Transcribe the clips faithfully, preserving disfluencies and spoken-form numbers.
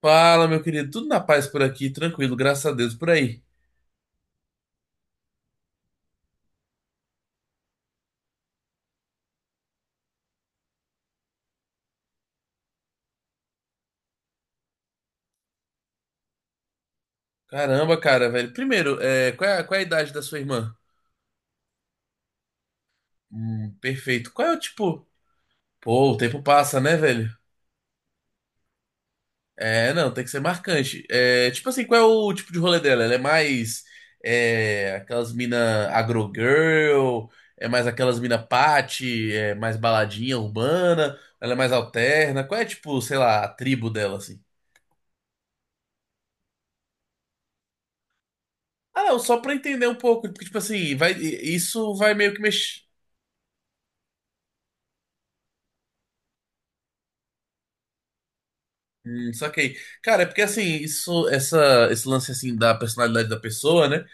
Fala, meu querido. Tudo na paz por aqui, tranquilo, graças a Deus, por aí. Caramba, cara, velho. Primeiro, é, qual é, a qual é a idade da sua irmã? Hum, perfeito. Qual é o tipo? Pô, o tempo passa, né, velho? É, não, tem que ser marcante. É, tipo assim, qual é o tipo de rolê dela? Ela é mais é, aquelas mina agro girl, é mais aquelas mina party, é mais baladinha urbana, ela é mais alterna. Qual é, tipo, sei lá, a tribo dela, assim? Ah, não, só pra entender um pouco, porque, tipo assim, vai, isso vai meio que mexer. Hum, saquei. Cara, é porque assim, isso, essa, esse lance assim da personalidade da pessoa, né?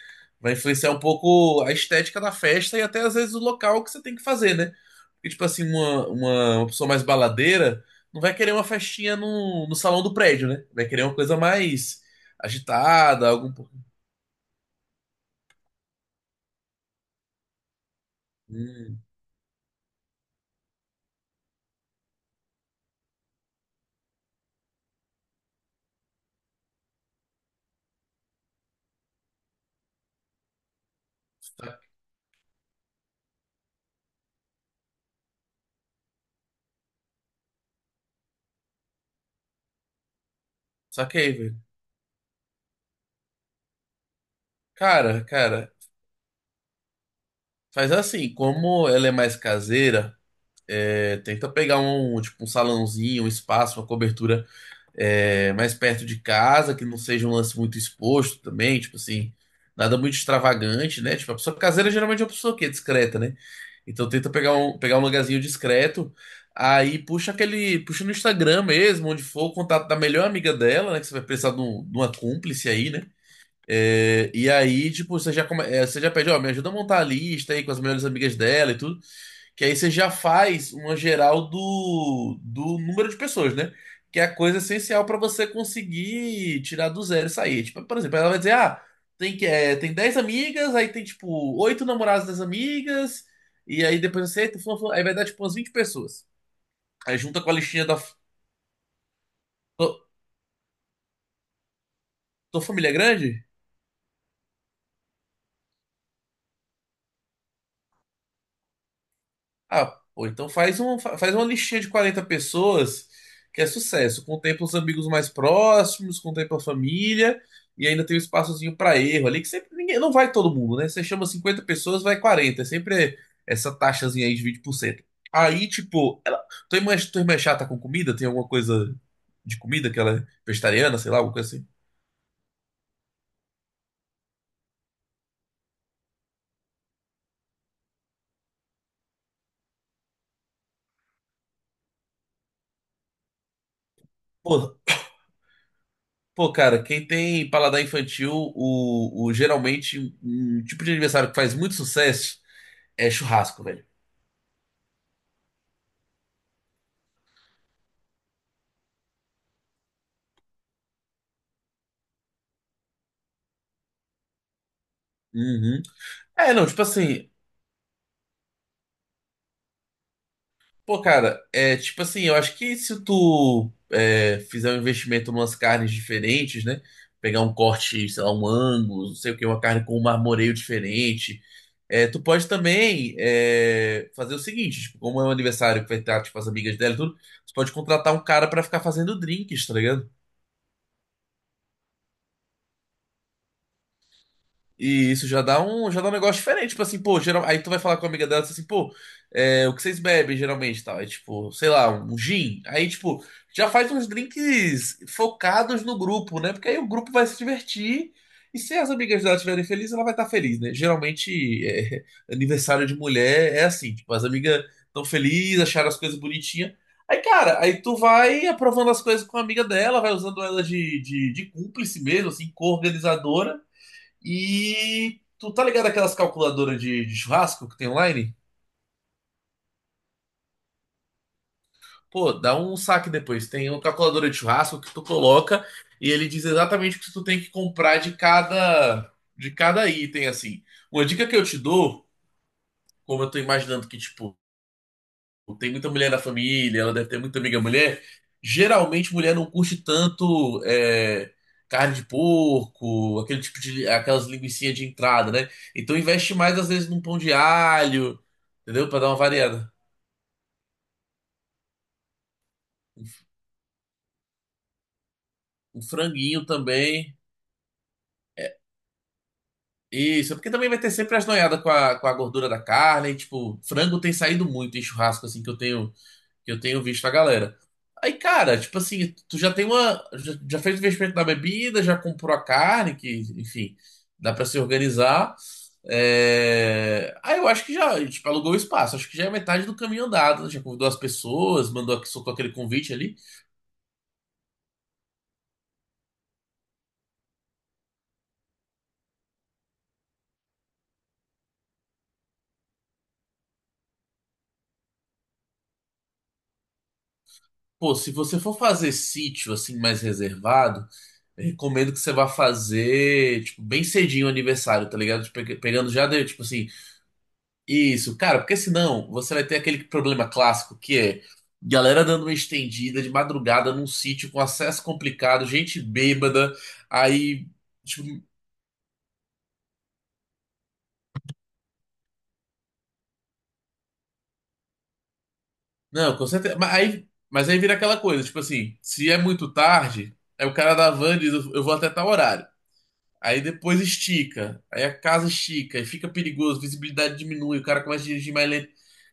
Vai influenciar um pouco a estética da festa e até às vezes o local que você tem que fazer, né? Porque, tipo assim, uma, uma, uma pessoa mais baladeira não vai querer uma festinha no, no salão do prédio, né? Vai querer uma coisa mais agitada, algum. pouco- Hum, sa- saquei, velho. Cara, cara, faz assim, como ela é mais caseira, é, tenta pegar um, tipo, um salãozinho, um espaço, uma cobertura é, mais perto de casa, que não seja um lance muito exposto também, tipo assim, nada muito extravagante, né? Tipo, a pessoa caseira geralmente é uma pessoa que é discreta, né? Então tenta pegar um, pegar um lugarzinho discreto, aí puxa aquele, puxa no Instagram mesmo, onde for o contato da melhor amiga dela, né? Que você vai precisar de, um- de uma cúmplice aí, né? É, e aí, tipo, você já, come, é, você já pede, ó, me ajuda a montar a lista aí com as melhores amigas dela e tudo. Que aí você já faz uma geral do, do número de pessoas, né? Que é a coisa essencial para você conseguir tirar do zero e sair. Tipo, por exemplo, ela vai dizer, ah, tem, que- é, tem dez amigas, aí tem, tipo, oito namorados das amigas, e aí depois você, tu- aí vai dar, tipo, umas vinte pessoas. Aí junta com a listinha da... Tua tua família é grande? Ah, pô, então faz um, fa- faz uma listinha de quarenta pessoas que é sucesso. Contempla os amigos mais próximos, contempla a família e ainda tem um espaçozinho para erro ali, que sempre ninguém, não vai todo mundo, né? Você chama cinquenta pessoas, vai quarenta. É sempre essa taxazinha aí de vinte por cento. Aí, tipo, ela, tua irmã, é, tua irmã é chata com comida? Tem alguma coisa de comida que ela é vegetariana, sei lá, alguma coisa assim? Pô, pô, cara, quem tem paladar infantil, o, o geralmente um um tipo de aniversário que faz muito sucesso é churrasco, velho. Uhum. É, não, tipo assim, pô, cara, é tipo assim, eu acho que se tu é, fizer um investimento em umas carnes diferentes, né? Pegar um corte, sei lá, um ângulo, não sei o que, uma carne com um marmoreio diferente. É, tu pode também é, fazer o seguinte, tipo, como é um aniversário que vai ter tipo, as amigas dela e tudo, tu pode contratar um cara pra ficar fazendo drinks, tá ligado? E isso já dá um, já dá um negócio diferente. Tipo assim, pô, geral... aí tu vai falar com a amiga dela tu fala assim, pô, é, o que vocês bebem geralmente, tal. Aí, tipo, sei lá, um gin. Aí, tipo, já faz uns drinks focados no grupo, né? Porque aí o grupo vai se divertir. E se as amigas dela estiverem felizes, ela vai estar feliz, né? Geralmente, é, aniversário de mulher é assim, tipo, as amigas estão felizes, acharam as coisas bonitinhas. Aí, cara, aí tu vai aprovando as coisas com a amiga dela, vai usando ela de, de, de cúmplice mesmo, assim, co-organizadora. E tu tá ligado aquelas calculadoras de, de churrasco que tem online? Pô, dá um saque depois. Tem uma calculadora de churrasco que tu coloca e ele diz exatamente o que tu tem que comprar de cada de cada item assim. Uma dica que eu te dou, como eu tô imaginando que tipo tem muita mulher na família, ela deve ter muita amiga mulher. Geralmente, mulher não curte tanto é, carne de porco, aquele tipo de, aquelas linguicinhas de entrada, né? Então, investe mais, às vezes, num pão de alho, entendeu? Pra dar uma variada. Um franguinho também. Isso, é porque também vai ter sempre as noiadas com a, com a gordura da carne. E, tipo, frango tem saído muito em churrasco, assim, que eu tenho que eu tenho visto a galera. Aí, cara, tipo assim, tu já tem uma. Já, já fez o investimento na bebida, já comprou a carne, que, enfim, dá pra se organizar. É... Aí eu acho que já, tipo, alugou o espaço. Acho que já é metade do caminho andado, né? Já convidou as pessoas, mandou, aqui- soltou aquele convite ali. Pô, se você for fazer sítio, assim, mais reservado, eu recomendo que você vá fazer, tipo, bem cedinho o aniversário, tá ligado? Tipo, pe- pegando já, de- tipo assim. Isso, cara, porque senão você vai ter aquele problema clássico que é galera dando uma estendida de madrugada num sítio com acesso complicado, gente bêbada, aí, tipo, não, com certeza, mas aí, mas aí, vira aquela coisa, tipo assim, se é muito tarde, aí o cara da van diz, eu eu vou até tal horário. Aí depois estica. Aí a casa estica. Aí fica perigoso, visibilidade diminui, o cara começa a dirigir mais lento.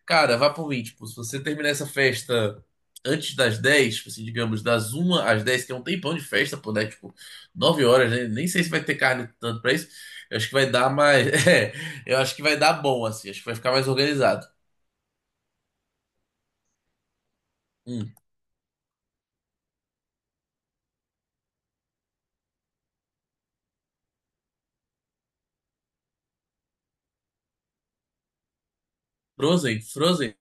Cara, vá por mim. Tipo, se você terminar essa festa antes das dez, tipo assim, digamos, das uma às dez, que é um tempão de festa, pô, né? Tipo, nove horas, né? Nem sei se vai ter carne tanto pra isso. Eu acho que vai dar mais. É, eu acho que vai dar bom, assim. Acho que vai ficar mais organizado. Hum, Frozen, Frozen.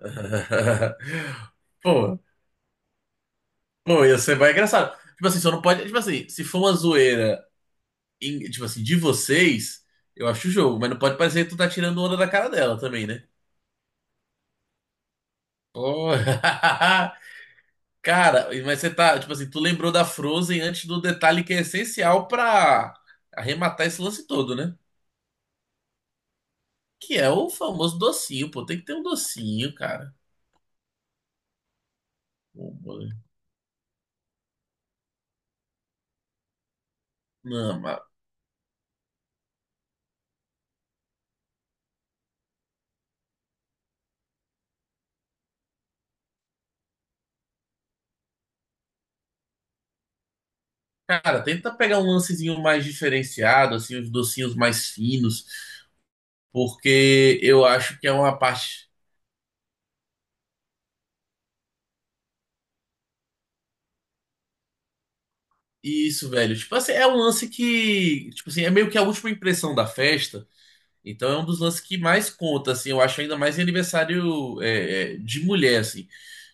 Pô, pô, ia ser mais engraçado. Tipo assim, só não pode. Tipo assim, se for uma zoeira, em- tipo assim, de vocês, eu acho o jogo, mas não pode parecer que tu tá tirando onda da cara dela também, né? Pô, cara, mas você tá, tipo assim, tu lembrou da Frozen antes do detalhe que é essencial pra arrematar esse lance todo, né? Que é o famoso docinho, pô, tem que ter um docinho, cara. Pô, mano. Não, mas, cara, tenta pegar um lancezinho mais diferenciado, assim, os docinhos mais finos, porque eu acho que é uma parte. Isso, velho. Tipo assim, é um lance que, tipo assim, é meio que a última impressão da festa. Então é um dos lances que mais conta, assim, eu acho ainda mais em aniversário é, é, de mulher, assim.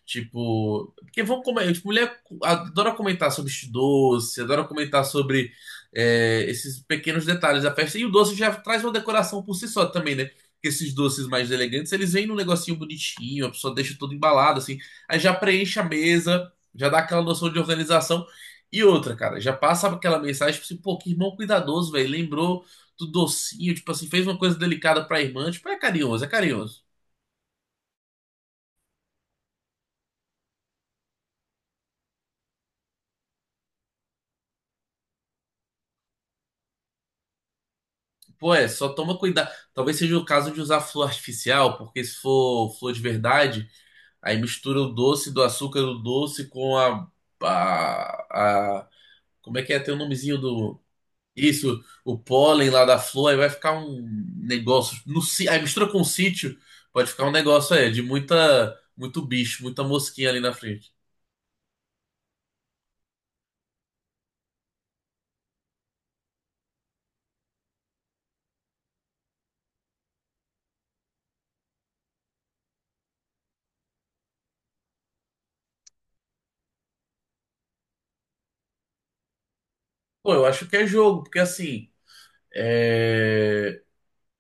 Tipo, porque vão comer, tipo, mulher adora comentar sobre este doce, adora comentar sobre é, esses pequenos detalhes da festa. E o doce já traz uma decoração por si só também, né? Porque esses doces mais elegantes, eles vêm num negocinho bonitinho, a pessoa deixa tudo embalado, assim. Aí já preenche a mesa, já dá aquela noção de organização. E outra, cara, já passa aquela mensagem, tipo assim, pô, que irmão cuidadoso, velho. Lembrou do docinho, tipo assim, fez uma coisa delicada pra irmã, tipo, é carinhoso, é carinhoso. Pô, é, só toma cuidado. Talvez seja o caso de usar flor artificial, porque se for flor de verdade, aí mistura o doce do açúcar do doce com a, a, a- como é que é? Tem o nomezinho do. Isso, o pólen lá da flor, aí vai ficar um negócio. No, si- aí mistura com o sítio, pode ficar um negócio aí de muita, muito bicho, muita mosquinha ali na frente. Pô, eu acho que é jogo, porque assim. É...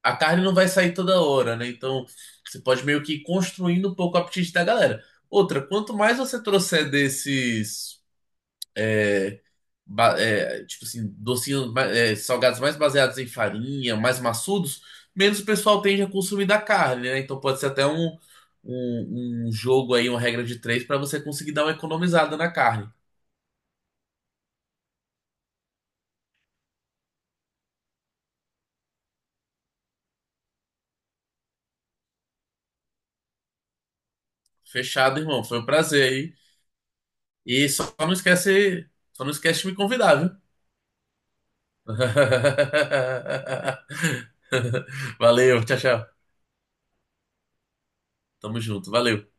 a carne não vai sair toda hora, né? Então você pode meio que ir construindo um pouco o apetite da galera. Outra, quanto mais você trouxer desses, é, ba- é, tipo assim, docinhos, ma- é, salgados mais baseados em farinha, mais maçudos, menos o pessoal tende a consumir da carne, né? Então pode ser até um, um, um, jogo aí, uma regra de três, para você conseguir dar uma economizada na carne. Fechado, irmão. Foi um prazer aí. E só não esquece, só não esquece de me convidar, viu? Valeu, tchau, tchau. Tamo junto, valeu.